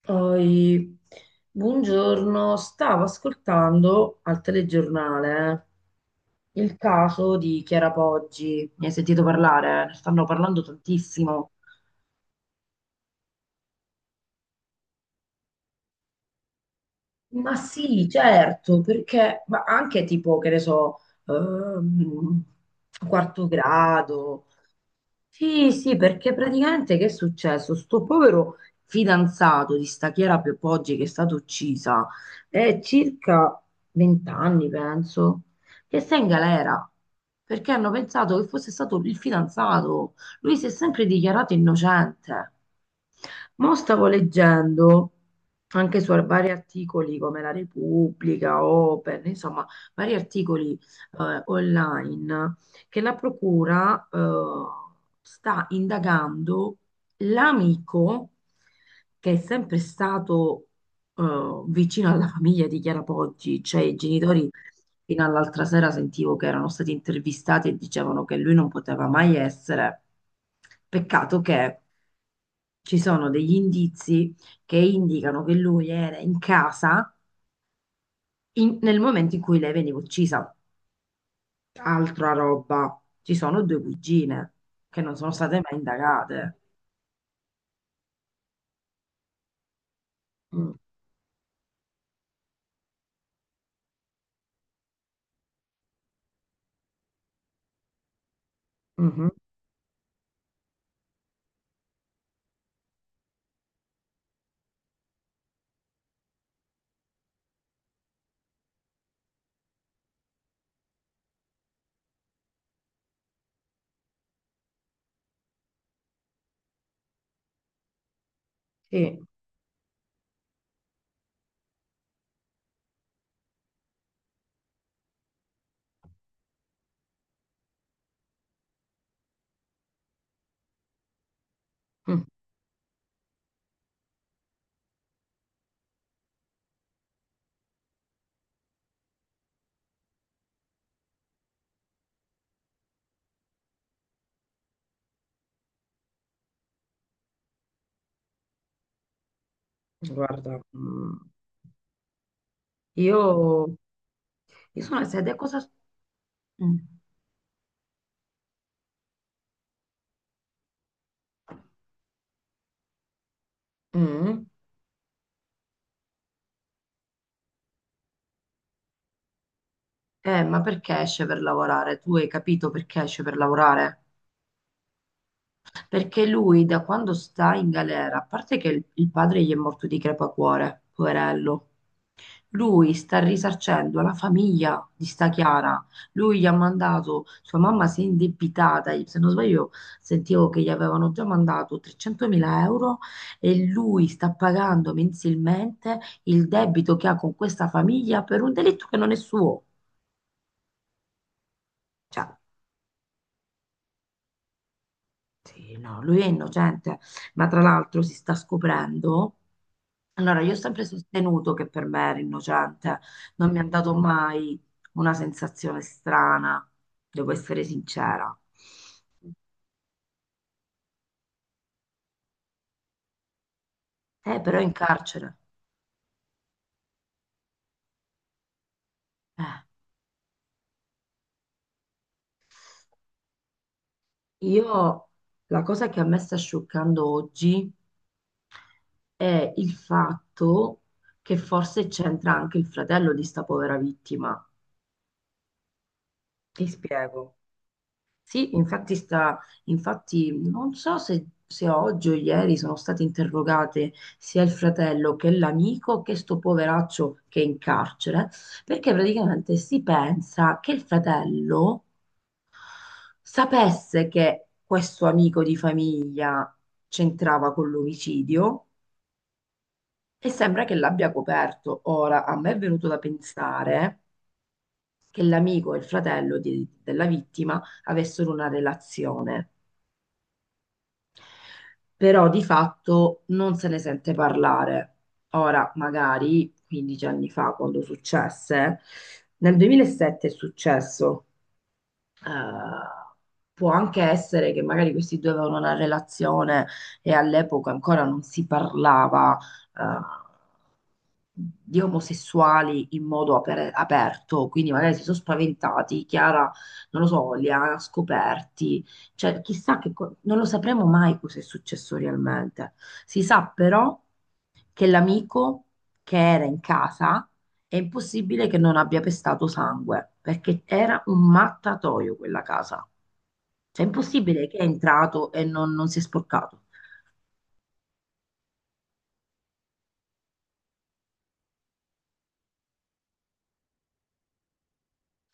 Poi, buongiorno, stavo ascoltando al telegiornale il caso di Chiara Poggi. Ne hai sentito parlare? Ne stanno parlando tantissimo. Ma sì, certo, perché ma anche tipo, che ne so, ehm, quarto grado. Sì, sì, perché praticamente che è successo? Sto povero fidanzato di sta Chiara Piopoggi che è stata uccisa, è circa 20 anni, penso, che sta in galera, perché hanno pensato che fosse stato il fidanzato. Lui si è sempre dichiarato innocente. Mo' stavo leggendo anche su vari articoli come La Repubblica, Open, insomma, vari articoli online, che la procura sta indagando l'amico che è sempre stato vicino alla famiglia di Chiara Poggi, cioè i genitori. Fino all'altra sera sentivo che erano stati intervistati e dicevano che lui non poteva mai essere. Peccato che ci sono degli indizi che indicano che lui era in casa nel momento in cui lei veniva uccisa. Altra roba, ci sono due cugine che non sono state mai indagate. Mm. Mhm. Sì. Mm. Guarda, mm. Io. Io sono sede cosa. Mm. Mm. Ma perché esce per lavorare? Tu hai capito perché esce per lavorare? Perché lui da quando sta in galera, a parte che il padre gli è morto di crepacuore, poverello. Lui sta risarcendo la famiglia di sta Chiara. Lui gli ha mandato, sua mamma si è indebitata, se non sbaglio sentivo che gli avevano già mandato 300.000 euro e lui sta pagando mensilmente il debito che ha con questa famiglia per un delitto che non è suo. Cioè, sì, no, lui è innocente, ma tra l'altro si sta scoprendo. Allora, io ho sempre sostenuto che per me era innocente, non mi ha dato mai una sensazione strana, devo essere sincera. Però è in carcere. Eh, io la cosa che a me sta scioccando oggi è il fatto che forse c'entra anche il fratello di sta povera vittima. Ti spiego. Sì, infatti non so se oggi o ieri sono state interrogate sia il fratello che l'amico che sto poveraccio che è in carcere, perché praticamente si pensa che il fratello sapesse che questo amico di famiglia c'entrava con l'omicidio e sembra che l'abbia coperto. Ora, a me è venuto da pensare che l'amico e il fratello della vittima avessero una relazione. Però di fatto non se ne sente parlare. Ora, magari 15 anni fa, quando successe, nel 2007 è successo, eh, può anche essere che magari questi due avevano una relazione e all'epoca ancora non si parlava, eh, di omosessuali in modo aperto, quindi magari si sono spaventati, Chiara, non lo so, li ha scoperti, cioè chissà non lo sapremo mai cosa è successo realmente. Si sa però che l'amico che era in casa è impossibile che non abbia pestato sangue, perché era un mattatoio quella casa. Cioè, è impossibile che è entrato e non si è sporcato.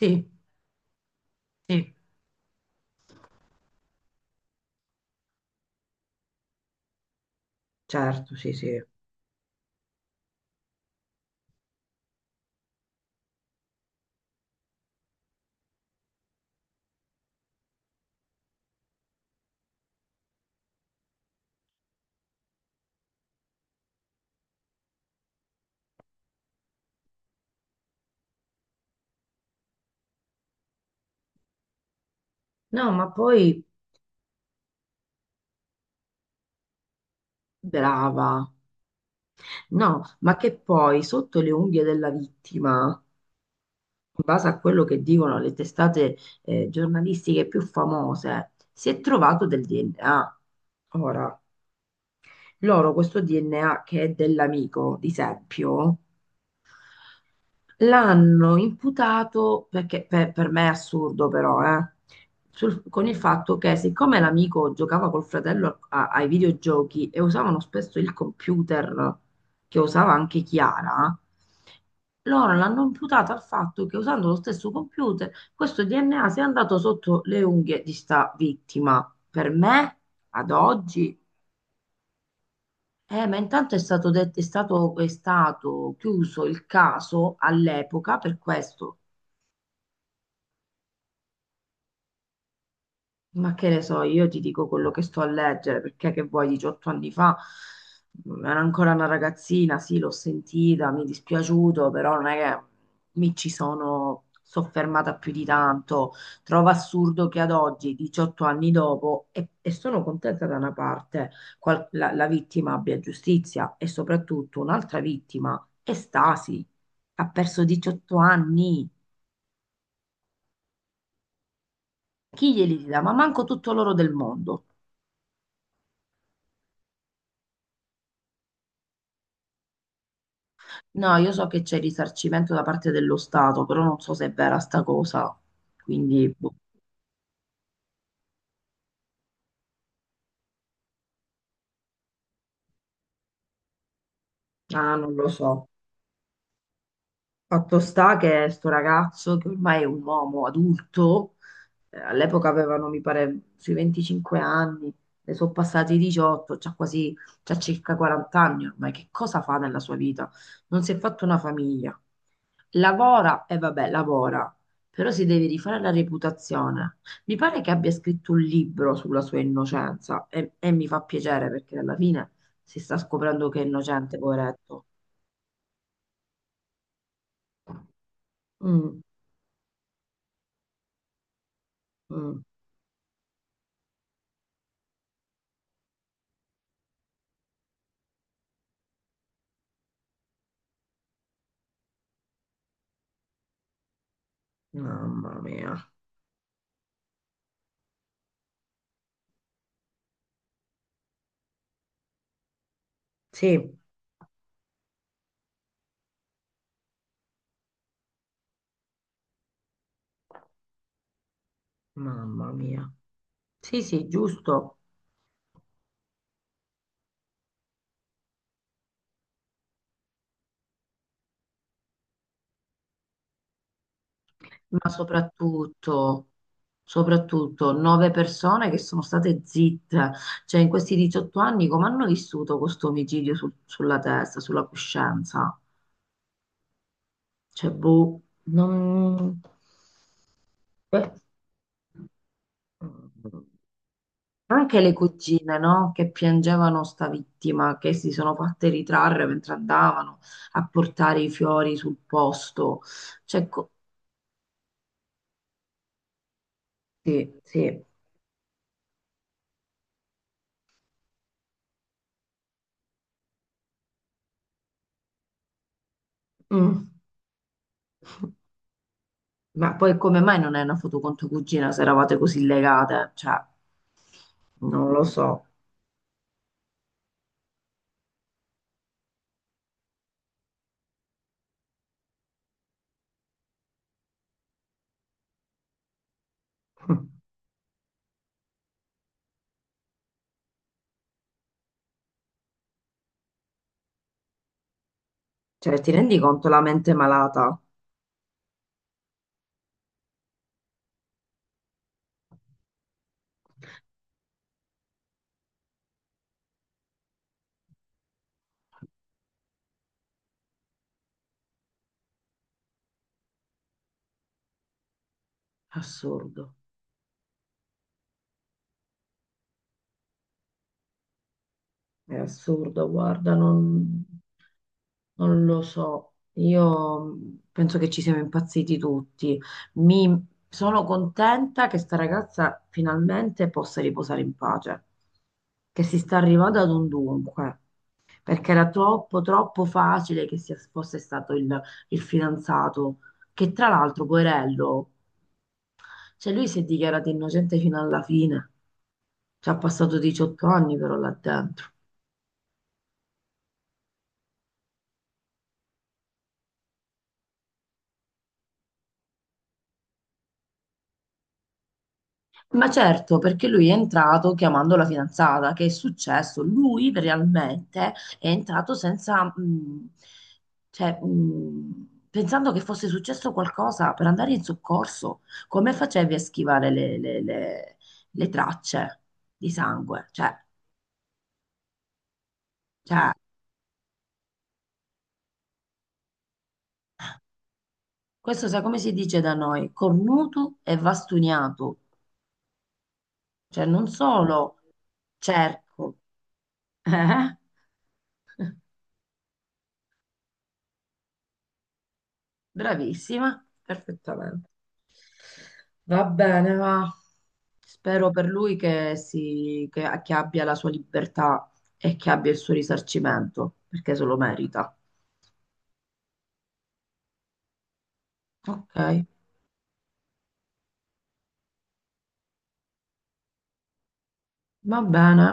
Sì, sì, certo, sì, sì. No, ma poi, brava. No, ma che poi sotto le unghie della vittima, in base a quello che dicono le testate giornalistiche più famose, si è trovato del DNA. Ora, loro questo DNA che è dell'amico di Seppio l'hanno imputato, perché per me è assurdo però, con il fatto che siccome l'amico giocava col fratello ai videogiochi e usavano spesso il computer che usava anche Chiara, loro l'hanno imputato al fatto che usando lo stesso computer questo DNA sia andato sotto le unghie di sta vittima. Per me, ad oggi, ma intanto è stato detto, è stato chiuso il caso all'epoca per questo. Ma che ne so, io ti dico quello che sto a leggere, perché che vuoi, 18 anni fa era ancora una ragazzina. Sì, l'ho sentita, mi è dispiaciuto, però non è che mi ci sono soffermata più di tanto. Trovo assurdo che ad oggi, 18 anni dopo, e sono contenta da una parte, la vittima abbia giustizia, e soprattutto un'altra vittima è Stasi, ha perso 18 anni. Chi glieli dà? Ma manco tutto l'oro del mondo. No, io so che c'è risarcimento da parte dello Stato, però non so se è vera sta cosa, quindi boh. Ah, non lo so. Fatto sta che sto ragazzo, che ormai è un uomo adulto, all'epoca avevano, mi pare, sui 25 anni, ne sono passati 18, c'ha circa 40 anni ormai, che cosa fa nella sua vita? Non si è fatto una famiglia. Lavora, e vabbè, lavora, però si deve rifare la reputazione. Mi pare che abbia scritto un libro sulla sua innocenza, e mi fa piacere perché alla fine si sta scoprendo che è innocente, poveretto. Mm. Mm. Mamma mia. Sì, mamma mia. Sì, sì, giusto. Ma soprattutto, soprattutto nove persone che sono state zitte. Cioè, in questi 18 anni, come hanno vissuto questo omicidio sulla testa, sulla coscienza? Cioè, boh, non. Beh. Anche le cugine, no? Che piangevano sta vittima, che si sono fatte ritrarre mentre andavano a portare i fiori sul posto. Cioè, sì, sì. Mm. Ma poi come mai non è una foto con tua cugina se eravate così legate? Cioè, non lo so. Cioè, ti rendi conto la mente malata? Assurdo. È assurdo, guarda, non lo so. Io penso che ci siamo impazziti tutti. Mi sono contenta che sta ragazza finalmente possa riposare in pace, che si sta arrivando ad un dunque, perché era troppo, troppo facile che sia, fosse stato il fidanzato, che tra l'altro, poverello, cioè lui si è dichiarato innocente fino alla fine. Ci ha passato 18 anni però là dentro. Ma certo, perché lui è entrato chiamando la fidanzata, che è successo? Lui realmente è entrato senza, cioè, pensando che fosse successo qualcosa per andare in soccorso. Come facevi a schivare le tracce di sangue? cioè, questo sai come si dice da noi? Cornuto e vastuniato. Cioè, non solo cerco, eh? Bravissima, perfettamente. Va bene, va. Spero per lui che abbia la sua libertà e che abbia il suo risarcimento, perché se lo merita. Ok, va bene.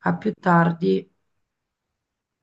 A più tardi.